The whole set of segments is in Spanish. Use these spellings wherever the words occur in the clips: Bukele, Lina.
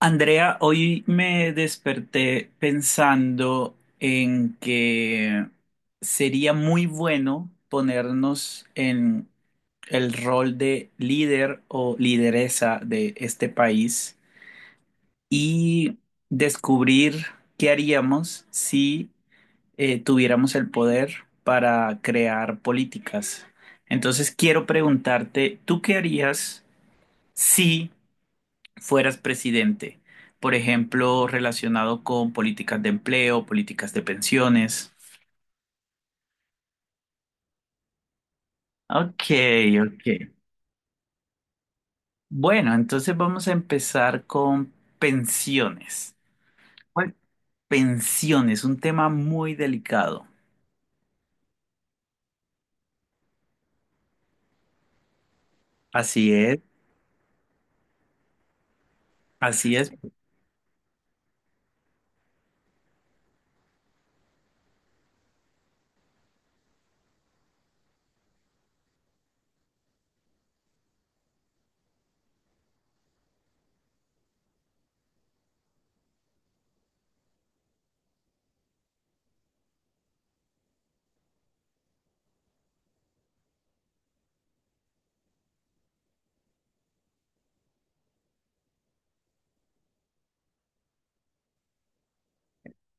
Andrea, hoy me desperté pensando en que sería muy bueno ponernos en el rol de líder o lideresa de este país y descubrir qué haríamos si tuviéramos el poder para crear políticas. Entonces quiero preguntarte, ¿tú qué harías si fueras presidente, por ejemplo, relacionado con políticas de empleo, políticas de pensiones? Ok, ok. Bueno, entonces vamos a empezar con pensiones. Bueno, pensiones, un tema muy delicado. Así es, así es.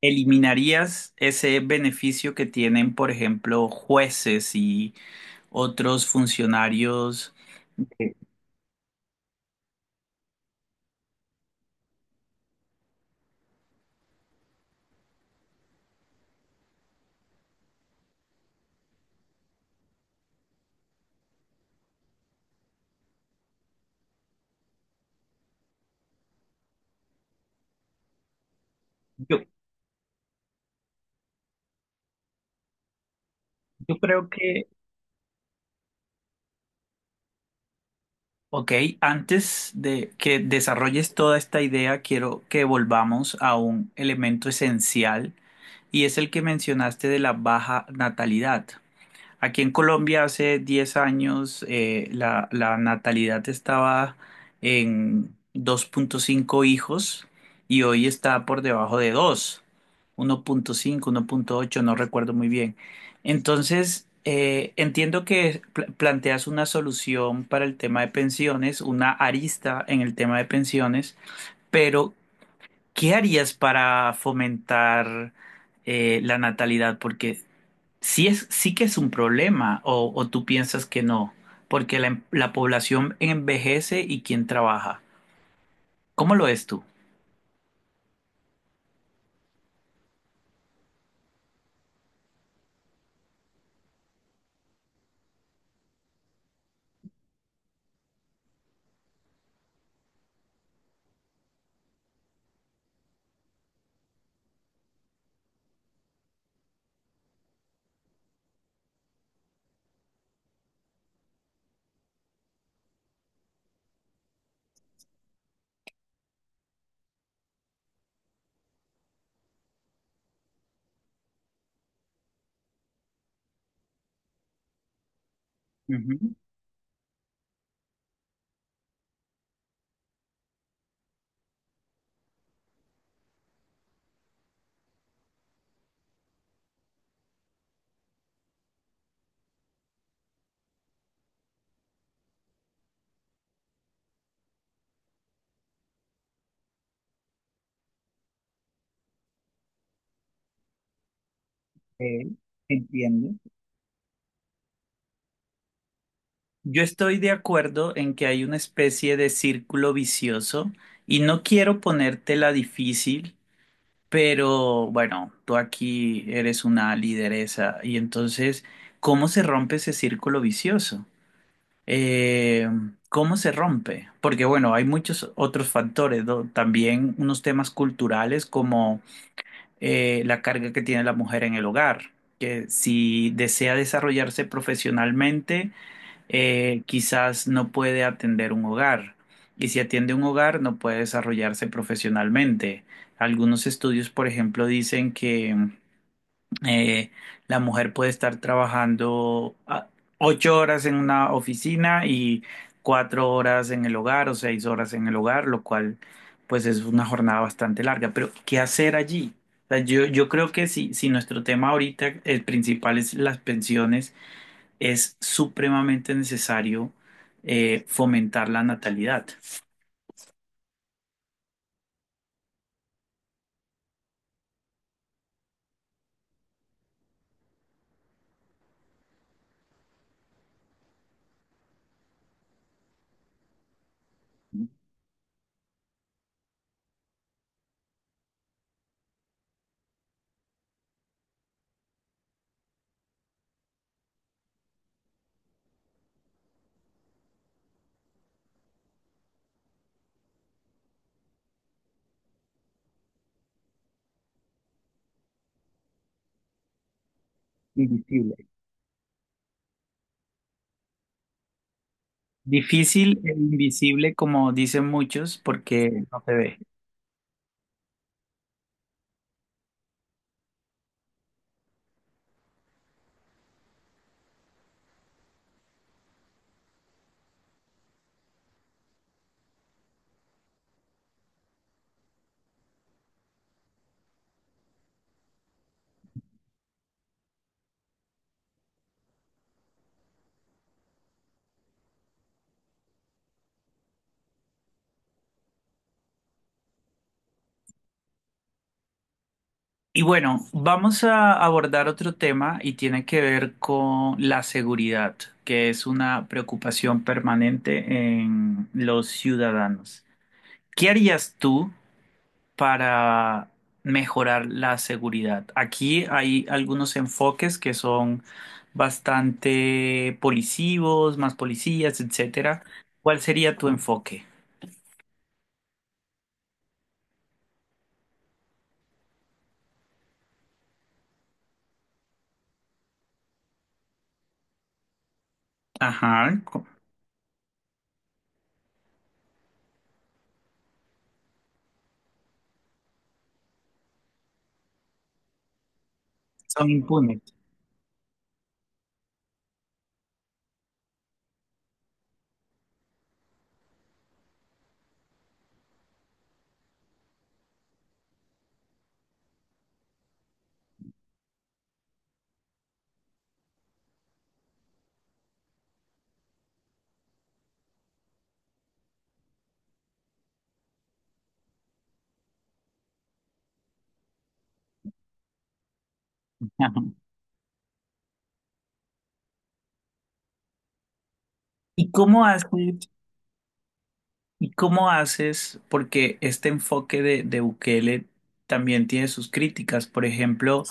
¿Eliminarías ese beneficio que tienen, por ejemplo, jueces y otros funcionarios? Eh, Yo, yo creo que ok, antes de que desarrolles toda esta idea, quiero que volvamos a un elemento esencial y es el que mencionaste de la baja natalidad. Aquí en Colombia hace 10 años la natalidad estaba en 2,5 hijos y hoy está por debajo de 2, 1,5, 1,8, no recuerdo muy bien. Entonces, entiendo que planteas una solución para el tema de pensiones, una arista en el tema de pensiones, pero ¿qué harías para fomentar la natalidad? Porque sí que es un problema, o tú piensas que no, porque la, la población envejece y quién trabaja. ¿Cómo lo ves tú? Ujú, ok, entiendo. Yo estoy de acuerdo en que hay una especie de círculo vicioso y no quiero ponértela difícil, pero bueno, tú aquí eres una lideresa y entonces, ¿cómo se rompe ese círculo vicioso? Eh, ¿Cómo se rompe? Porque bueno, hay muchos otros factores, ¿no? También unos temas culturales como la carga que tiene la mujer en el hogar, que si desea desarrollarse profesionalmente, quizás no puede atender un hogar. Y si atiende un hogar, no puede desarrollarse profesionalmente. Algunos estudios, por ejemplo, dicen que eh, la mujer puede estar trabajando 8 horas en una oficina y 4 horas en el hogar o 6 horas en el hogar, lo cual pues es una jornada bastante larga. Pero ¿qué hacer allí? O sea, yo creo que si nuestro tema ahorita, el principal es las pensiones, es supremamente necesario fomentar la natalidad. Invisible. Difícil e invisible, como dicen muchos, porque no se ve. Y bueno, vamos a abordar otro tema y tiene que ver con la seguridad, que es una preocupación permanente en los ciudadanos. ¿Qué harías tú para mejorar la seguridad? Aquí hay algunos enfoques que son bastante policivos, más policías, etcétera. ¿Cuál sería tu enfoque? Ajá, son impunes. Ajá. ¿Y cómo haces? ¿Y cómo haces? Porque este enfoque de Bukele también tiene sus críticas. Por ejemplo,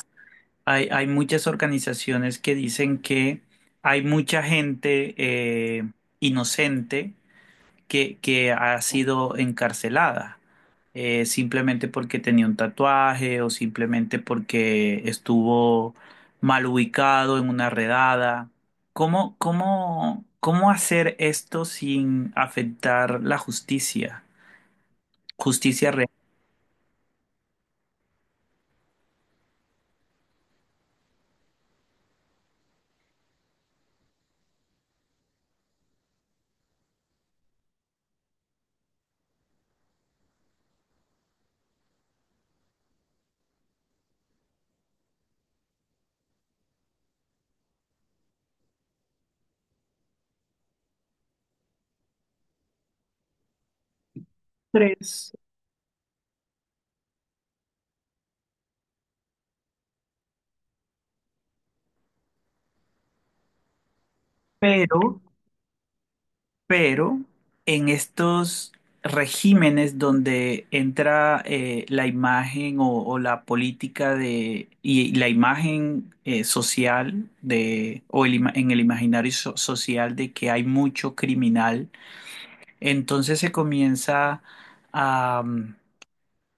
hay muchas organizaciones que dicen que hay mucha gente inocente que ha sido encarcelada, simplemente porque tenía un tatuaje o simplemente porque estuvo mal ubicado en una redada. ¿Cómo, cómo, cómo hacer esto sin afectar la justicia? Justicia real. Tres. Pero, pero en estos regímenes donde entra la imagen o la política de y la imagen social de o el en el imaginario social de que hay mucho criminal, entonces se comienza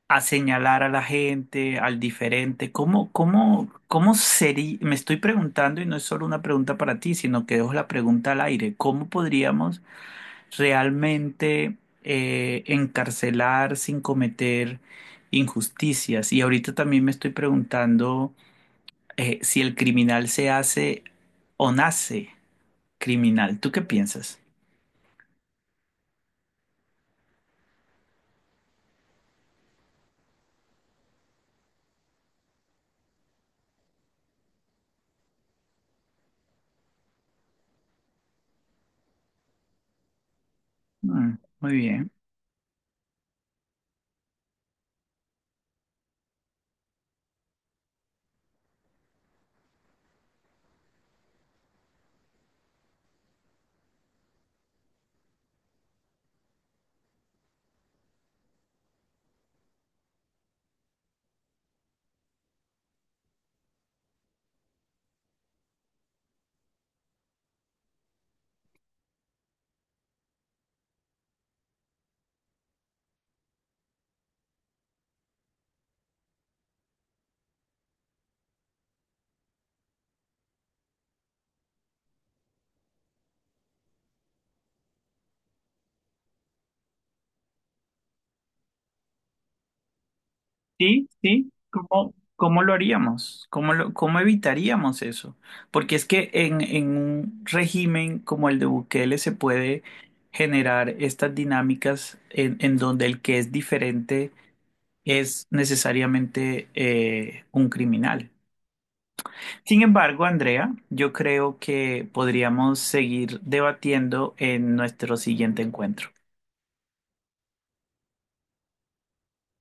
a señalar a la gente, al diferente. ¿Cómo, cómo, cómo sería? Me estoy preguntando, y no es solo una pregunta para ti, sino que dejo la pregunta al aire. ¿Cómo podríamos realmente encarcelar sin cometer injusticias? Y ahorita también me estoy preguntando si el criminal se hace o nace criminal. ¿Tú qué piensas? Mm, muy bien. Sí, sí, ¿cómo, cómo lo haríamos? ¿Cómo cómo evitaríamos eso? Porque es que en un régimen como el de Bukele se puede generar estas dinámicas en donde el que es diferente es necesariamente un criminal. Sin embargo, Andrea, yo creo que podríamos seguir debatiendo en nuestro siguiente encuentro.